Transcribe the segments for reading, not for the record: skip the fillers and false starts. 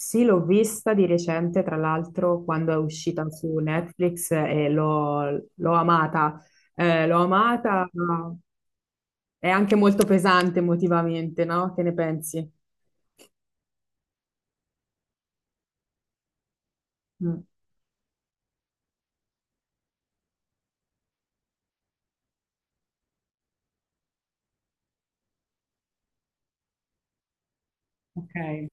Sì, l'ho vista di recente, tra l'altro, quando è uscita su Netflix e l'ho amata. L'ho amata, ma è anche molto pesante emotivamente, no? Che ne pensi? Mm, ok.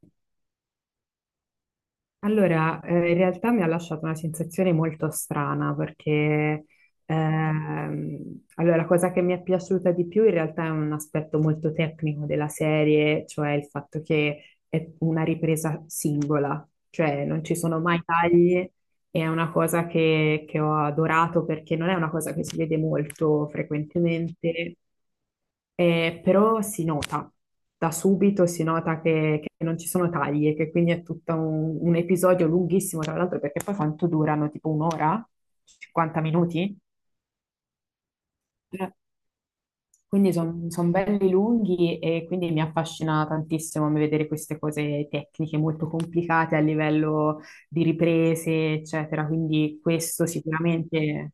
Allora, in realtà mi ha lasciato una sensazione molto strana perché allora, la cosa che mi è piaciuta di più in realtà è un aspetto molto tecnico della serie, cioè il fatto che è una ripresa singola, cioè non ci sono mai tagli e è una cosa che ho adorato perché non è una cosa che si vede molto frequentemente però si nota, da subito si nota che non ci sono tagli e che quindi è tutto un episodio lunghissimo, tra l'altro, perché poi quanto durano? Tipo un'ora? 50 minuti? Eh, Quindi sono belli lunghi e quindi mi affascina tantissimo vedere queste cose tecniche molto complicate a livello di riprese, eccetera. Quindi questo sicuramente...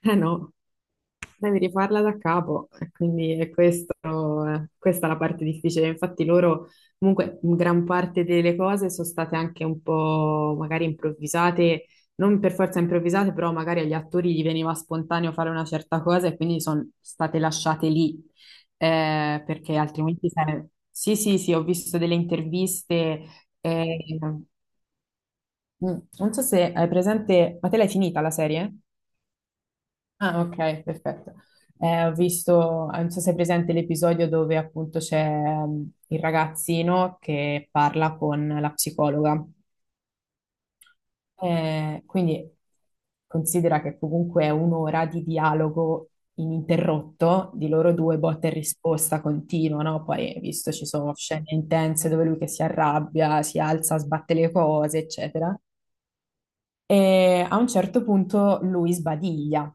Eh no, devi rifarla da capo, e quindi è questo, questa è la parte difficile. Infatti loro, comunque, in gran parte delle cose sono state anche un po' magari improvvisate, non per forza improvvisate, però magari agli attori gli veniva spontaneo fare una certa cosa e quindi sono state lasciate lì, perché altrimenti sarebbe... Sì, sì, sì, ho visto delle interviste, eh, mm, non so se hai presente, ma te l'hai finita la serie? Ah, ok, perfetto. Ho visto, non so se è presente l'episodio dove appunto c'è il ragazzino che parla con la psicologa. Quindi considera che comunque è un'ora di dialogo ininterrotto di loro 2, botta e risposta continua, no? Poi, visto ci sono scene intense dove lui che si arrabbia, si alza, sbatte le cose, eccetera. E a un certo punto lui sbadiglia,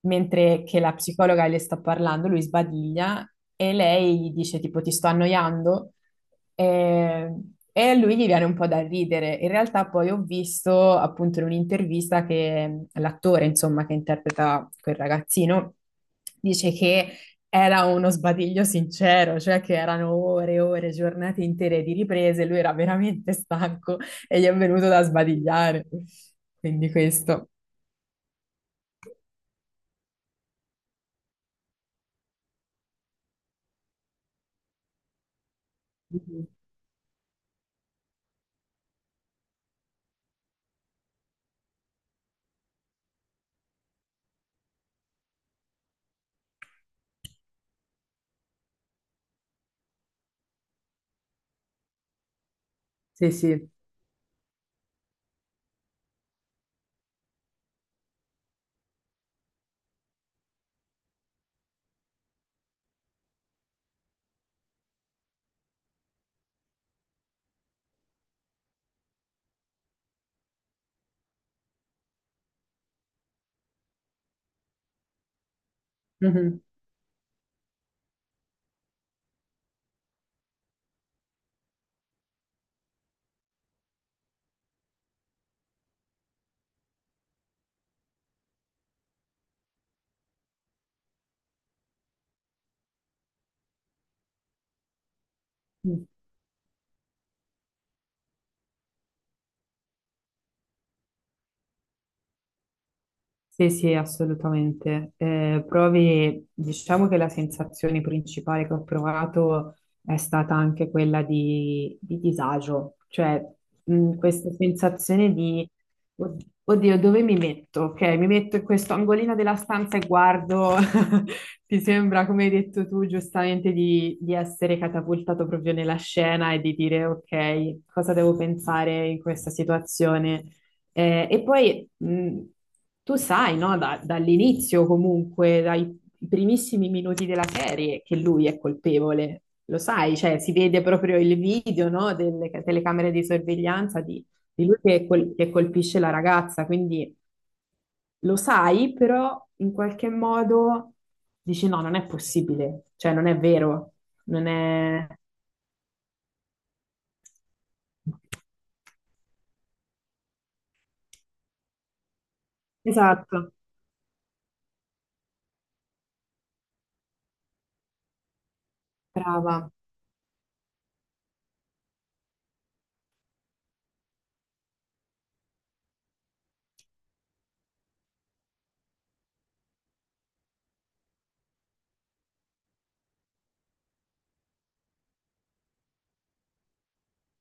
mentre che la psicologa le sta parlando, lui sbadiglia e lei gli dice tipo ti sto annoiando e, e a lui gli viene un po' da ridere. In realtà poi ho visto appunto in un'intervista che l'attore, insomma, che interpreta quel ragazzino, dice che era uno sbadiglio sincero, cioè che erano ore e ore, giornate intere di riprese, lui era veramente stanco e gli è venuto da sbadigliare. Quindi questo. Mhm. Sì, sì. Mhm. Sì, sì, assolutamente. Provi, diciamo che la sensazione principale che ho provato è stata anche quella di disagio, cioè questa sensazione oddio, dove mi metto? Ok, mi metto in questo angolino della stanza e guardo, ti sembra, come hai detto tu, giustamente, di essere catapultato proprio nella scena e di dire, ok, cosa devo pensare in questa situazione? E poi tu sai, no, dall'inizio comunque, dai primissimi minuti della serie, che lui è colpevole, lo sai, cioè si vede proprio il video, no, delle telecamere di sorveglianza di lui che, che colpisce la ragazza, quindi lo sai, però in qualche modo dici no, non è possibile, cioè non è vero, non è... Esatto, brava.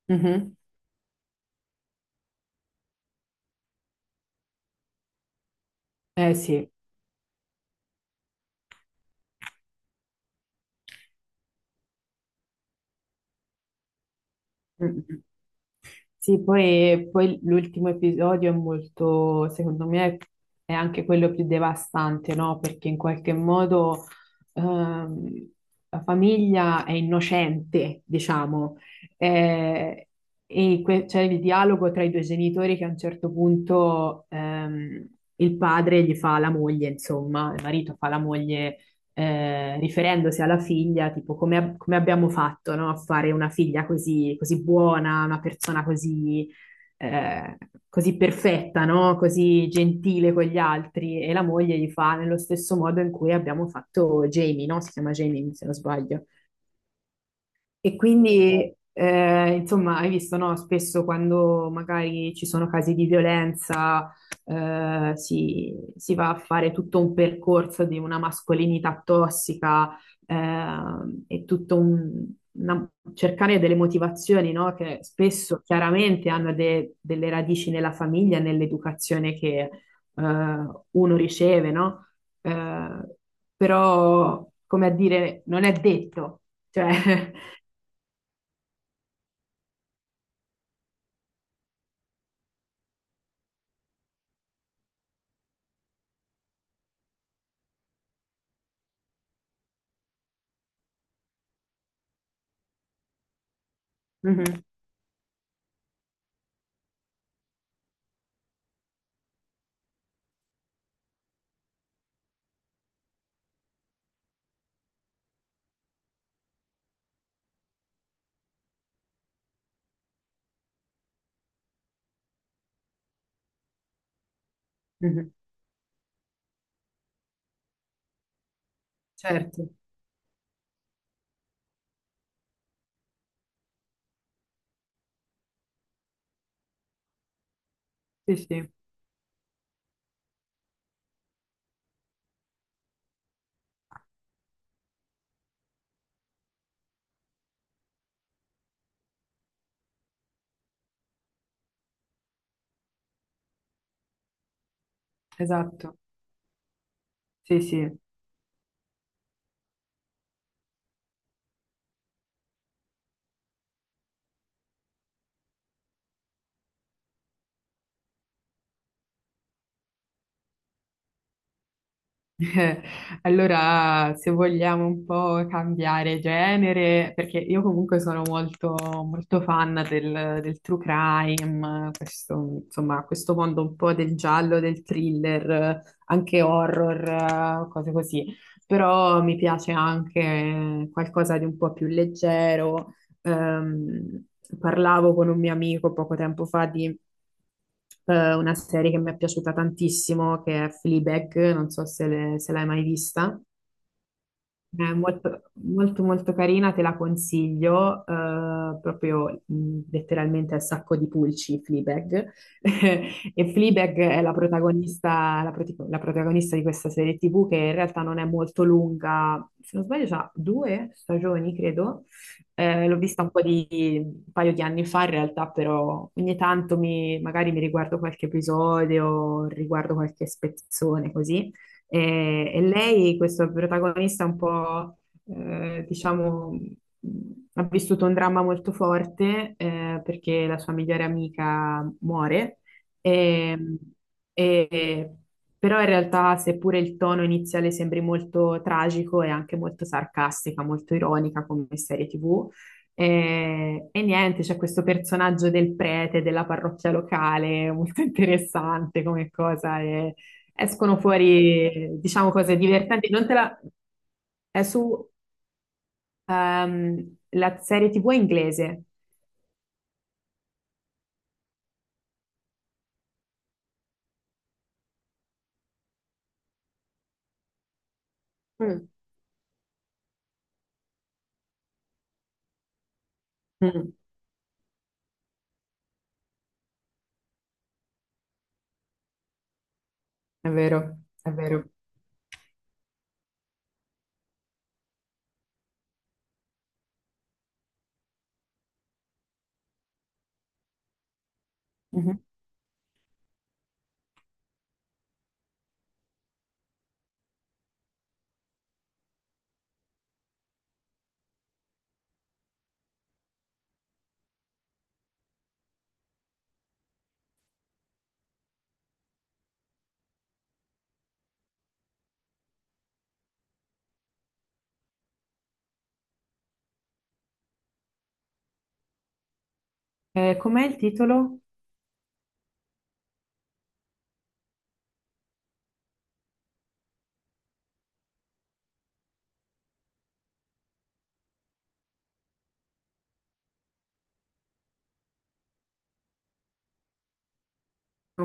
Mhm. Eh sì. Mm. Sì, poi, poi l'ultimo episodio è molto, secondo me, è anche quello più devastante, no? Perché in qualche modo ehm, la famiglia è innocente, diciamo, eh, e c'è il dialogo tra i due genitori che a un certo punto il padre gli fa la moglie, insomma, il marito fa la moglie riferendosi alla figlia, tipo come, come abbiamo fatto, no, a fare una figlia così, così buona, una persona così, eh, così perfetta, no, così gentile con gli altri. E la moglie gli fa nello stesso modo in cui abbiamo fatto Jamie, no? Si chiama Jamie, se non sbaglio. E quindi, insomma, hai visto, no? Spesso quando magari ci sono casi di violenza, si va a fare tutto un percorso di una mascolinità tossica, eh, e tutto un una- cercare delle motivazioni, no? Che spesso chiaramente hanno delle radici nella famiglia, e nell'educazione che, eh, uno riceve, no? Eh, però, come a dire, non è detto. Cioè, Mhm, mhm. Certo, sì, sì, esatto, sì, sì. Allora, se vogliamo un po' cambiare genere, perché io comunque sono molto fan del true crime, questo, insomma, questo mondo un po' del giallo, del thriller, anche horror, cose così. Però mi piace anche qualcosa di un po' più leggero. Ehm, parlavo con un mio amico poco tempo fa di una serie che mi è piaciuta tantissimo, che è Fleabag, non so se, se l'hai mai vista. È molto, molto molto carina, te la consiglio, proprio letteralmente al sacco di pulci, Fleabag. E Fleabag è la protagonista, la protagonista di questa serie TV che in realtà non è molto lunga, se non sbaglio ha 2 stagioni, credo. L'ho vista un po' di, un paio di anni fa in realtà, però ogni tanto magari mi riguardo qualche episodio, riguardo qualche spezzone così. E lei, questo protagonista un po', diciamo, mh, ha vissuto un dramma molto forte, perché la sua migliore amica muore. E, e- però in realtà, seppure il tono iniziale sembri molto tragico, è anche molto sarcastica, molto ironica come serie TV. E niente, c'è questo personaggio del prete della parrocchia locale, molto interessante come cosa, e escono fuori, diciamo, cose divertenti. Non te la... È su la serie TV inglese. Mm. Mm, è vero, è vero. Mhm. Com'è il titolo?